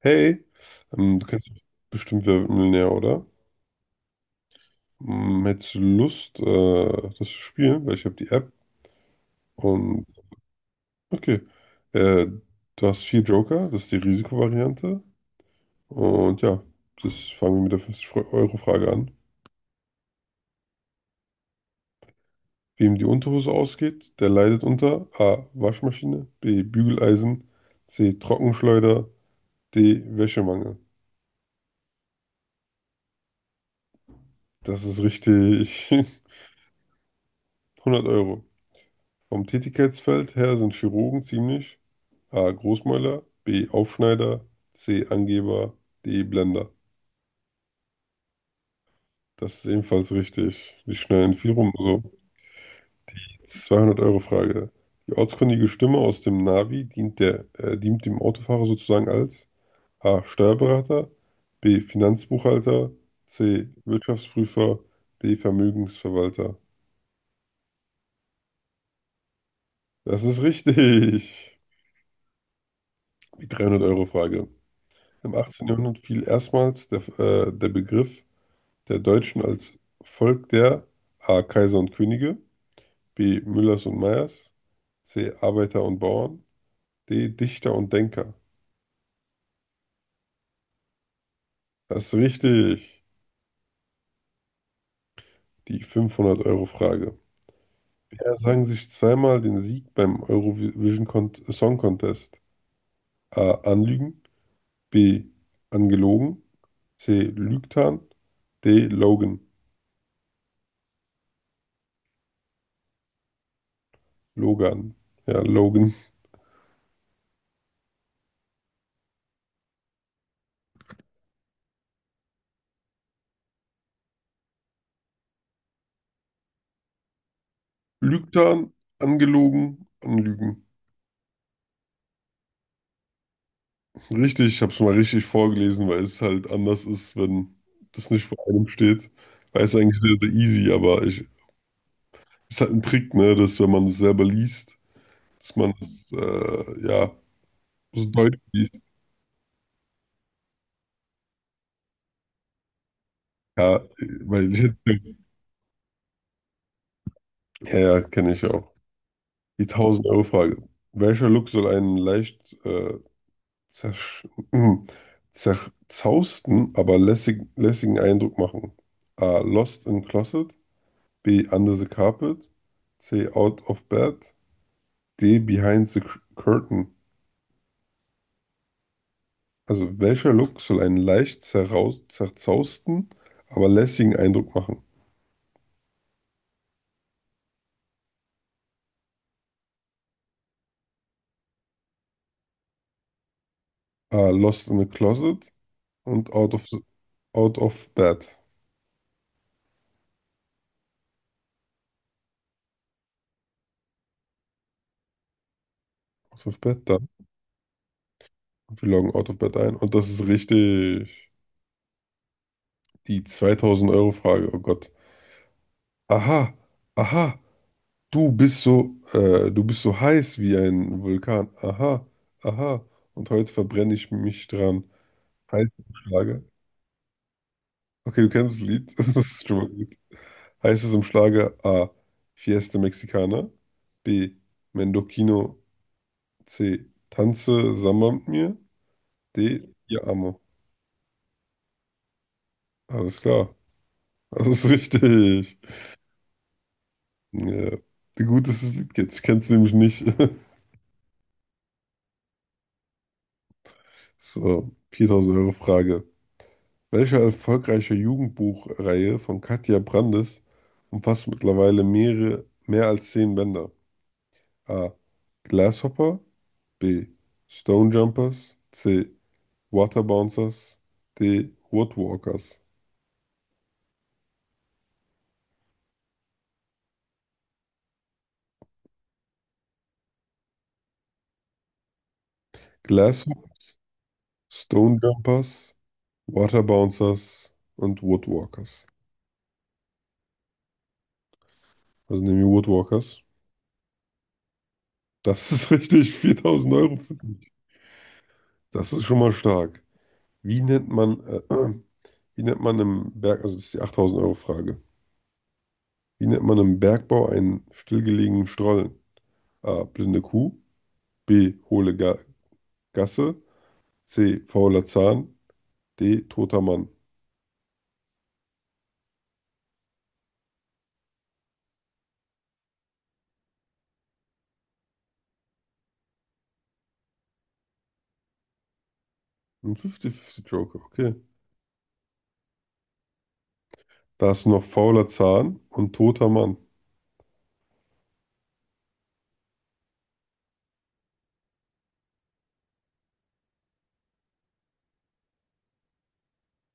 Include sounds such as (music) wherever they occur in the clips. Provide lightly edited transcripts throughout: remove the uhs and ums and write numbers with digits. Hey, du kennst bestimmt Wer wird Millionär, oder? Hättest du Lust, das zu spielen? Weil ich habe die App und. Okay. Äh, Du hast vier Joker, das ist die Risikovariante. Und ja, das fangen wir mit der 50-Euro-Frage an. Wem die Unterhose ausgeht, der leidet unter A. Waschmaschine, B. Bügeleisen, C. Trockenschleuder, D. Wäschemangel. Das ist richtig. (laughs) 100 Euro. Vom Tätigkeitsfeld her sind Chirurgen ziemlich A. Großmäuler, B. Aufschneider, C. Angeber, D. Blender. Das ist ebenfalls richtig. Die schneiden viel rum. Also, die 200-Euro-Frage. Die ortskundige Stimme aus dem Navi dient dem Autofahrer sozusagen als A. Steuerberater, B. Finanzbuchhalter, C. Wirtschaftsprüfer, D. Vermögensverwalter. Das ist richtig. Die 300-Euro-Frage. Im 18. Jahrhundert fiel erstmals der Begriff der Deutschen als Volk der A. Kaiser und Könige, B. Müllers und Meyers, C. Arbeiter und Bauern, D. Dichter und Denker. Das ist richtig. Die 500 Euro Frage. Wer sang sich zweimal den Sieg beim Eurovision Con Song Contest? A. Anlügen, B. Angelogen, C. Lügtan, D. Logan. Logan. Ja, Logan. Lügtan, angelogen, anlügen. Richtig, ich habe es mal richtig vorgelesen, weil es halt anders ist, wenn das nicht vor einem steht. Weil es eigentlich sehr, sehr easy, aber ist halt ein Trick, ne, dass wenn man es selber liest, dass man es, ja, so deutlich liest. Ja, weil ich, ja, ja, kenne ich auch. Die 1000-Euro-Frage. Welcher Look soll einen leicht zersch (clears throat) zerzausten, aber lässigen Eindruck machen? A. Lost in Closet. B. Under the Carpet. C. Out of Bed. D. Behind the Curtain. Also, welcher Look soll einen leicht zerraus zerzausten, aber lässigen Eindruck machen? A. Lost in a Closet und out of Bed. Out of Bed, da. Wir loggen Out of Bed ein. Und das ist richtig. Die 2000 Euro Frage, oh Gott. Aha, aha, du bist so heiß wie ein Vulkan. Aha, aha. Und heute verbrenne ich mich dran. Heiße Frage. Okay, du kennst das Lied. (laughs) Das ist schon mal gut. Heißt es im Schlager A. Fiesta Mexicana, B. Mendocino, C. Tanze Samba mit mir, D. Ihr Amo. Alles klar, (laughs) das ist richtig. Ja. Gut, dass du das Lied kennst. Ich kenn's nämlich nicht. (laughs) So, 4000 Euro Frage. Welche erfolgreiche Jugendbuchreihe von Katja Brandes umfasst mittlerweile mehr als 10 Bänder? A. Grasshopper, B. Stone Jumpers, C. Water Bouncers, die Woodwalkers, Glasshoppers, Stonejumpers, Jumpers, Water Bouncers und Woodwalkers. Also nehmen wir Woodwalkers. Das ist (laughs) richtig, 4000 Euro für dich. Das ist schon mal stark. Wie nennt man, äh, (clears throat) äh, wie nennt man im Berg, also das ist die 8000 Euro Frage. Wie nennt man im Bergbau einen stillgelegenen Stollen? A. Blinde Kuh. B. Hohle Ga Gasse. C. Fauler Zahn. D. Toter Mann. Ein 50-50 Joker, okay. Da hast du noch fauler Zahn und toter Mann.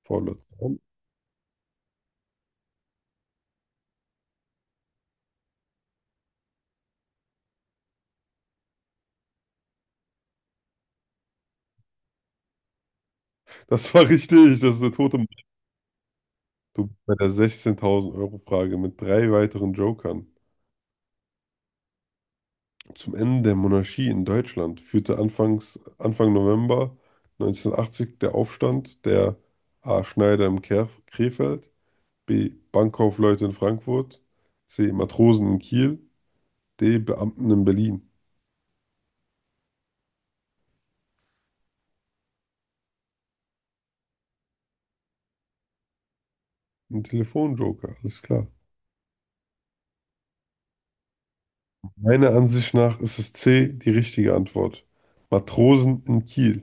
Fauler Zahn. Das war richtig, das ist der tote Mann. Du bist bei der 16.000-Euro-Frage mit drei weiteren Jokern. Zum Ende der Monarchie in Deutschland führte Anfang November 1980 der Aufstand der A. Schneider im Krefeld, B. Bankkaufleute in Frankfurt, C. Matrosen in Kiel, D. Beamten in Berlin. Ein Telefonjoker, alles klar. Meiner Ansicht nach ist es C, die richtige Antwort. Matrosen in Kiel.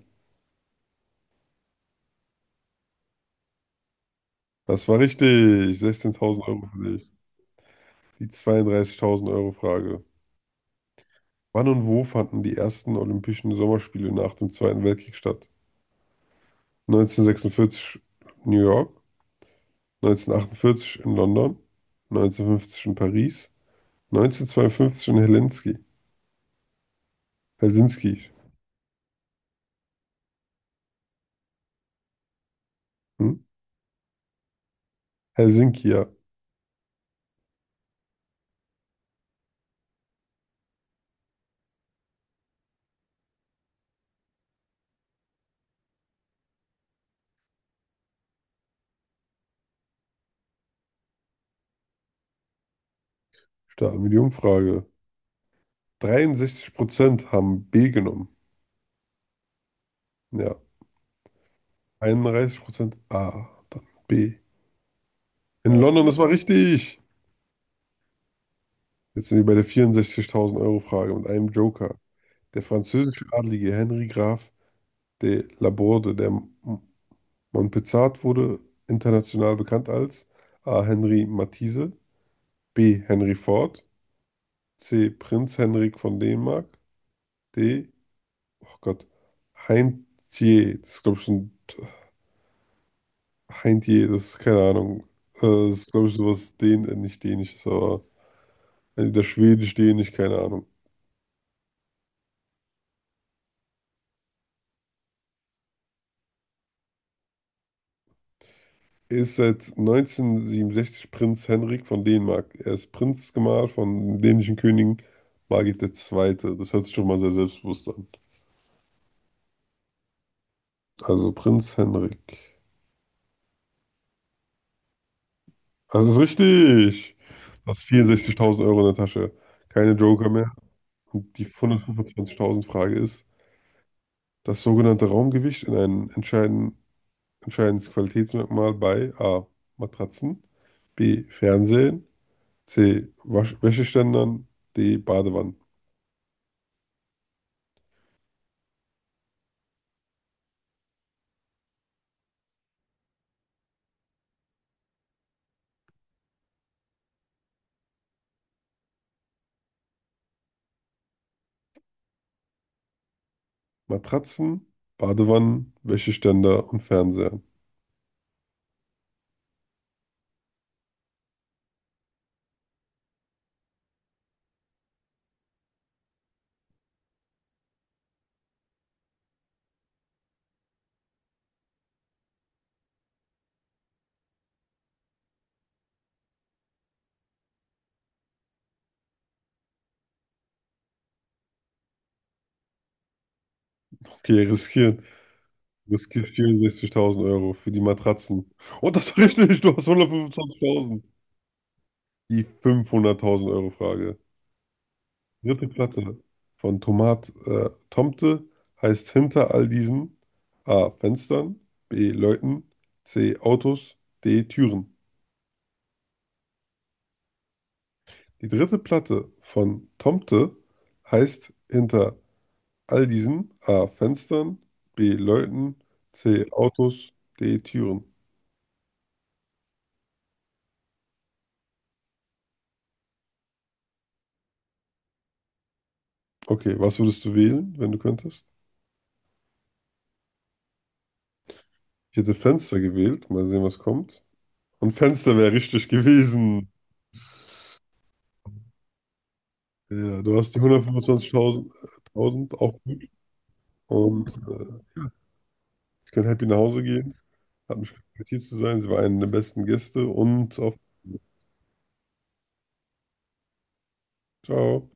Das war richtig. 16.000 Euro für dich. Die 32.000 Euro Frage. Wann und wo fanden die ersten Olympischen Sommerspiele nach dem Zweiten Weltkrieg statt? 1946 New York, 1948 in London, 1950 in Paris, 1952 in Helsinki. Helsinki. Hm? Helsinki, ja. Starten wir die Umfrage. 63% haben B genommen. Ja. 31% A, dann B. In London, das war richtig. Jetzt sind wir bei der 64.000 Euro Frage mit einem Joker. Der französische Adlige Henri Graf de Laborde, Montpezat wurde, international bekannt als A. Henri Matisse, B. Henry Ford, C. Prinz Henrik von Dänemark, D. Oh Gott, Heintje, das ist keine Ahnung. Das ist glaube ich sowas den nicht Dänisches, aber. Also entweder Schwedisch, Dänisch, keine Ahnung. Er ist seit 1967 Prinz Henrik von Dänemark. Er ist Prinzgemahl von dänischen Königin Margit der Zweite. Das hört sich schon mal sehr selbstbewusst an. Also Prinz Henrik. Das ist richtig. Du hast 64.000 Euro in der Tasche. Keine Joker mehr. Und die 125.000 Frage ist, das sogenannte Raumgewicht in einem entscheidendes Qualitätsmerkmal bei A. Matratzen, B. Fernsehen, C. Wasch Wäscheständern. D. Badewannen. Matratzen, Badewannen, Wäscheständer und Fernseher. Okay, riskieren. Du riskierst 64.000 Euro für die Matratzen. Und das ist richtig, du hast 125.000. Die 500.000 Euro Frage. Dritte Platte von Tomat Tomte heißt hinter all diesen A. Fenstern, B. Leuten, C. Autos, D. Türen. Die dritte Platte von Tomte heißt hinter all diesen A. Fenstern, B. Leuten, C. Autos, D. Türen. Okay, was würdest du wählen, wenn du könntest? Ich hätte Fenster gewählt. Mal sehen, was kommt. Und Fenster wäre richtig gewesen. Ja, du hast die 125.000 1000 auch gut. Und ich kann happy nach Hause gehen. Hat mich gefreut, hier zu sein. Sie war eine der besten Gäste. Und auf Ciao.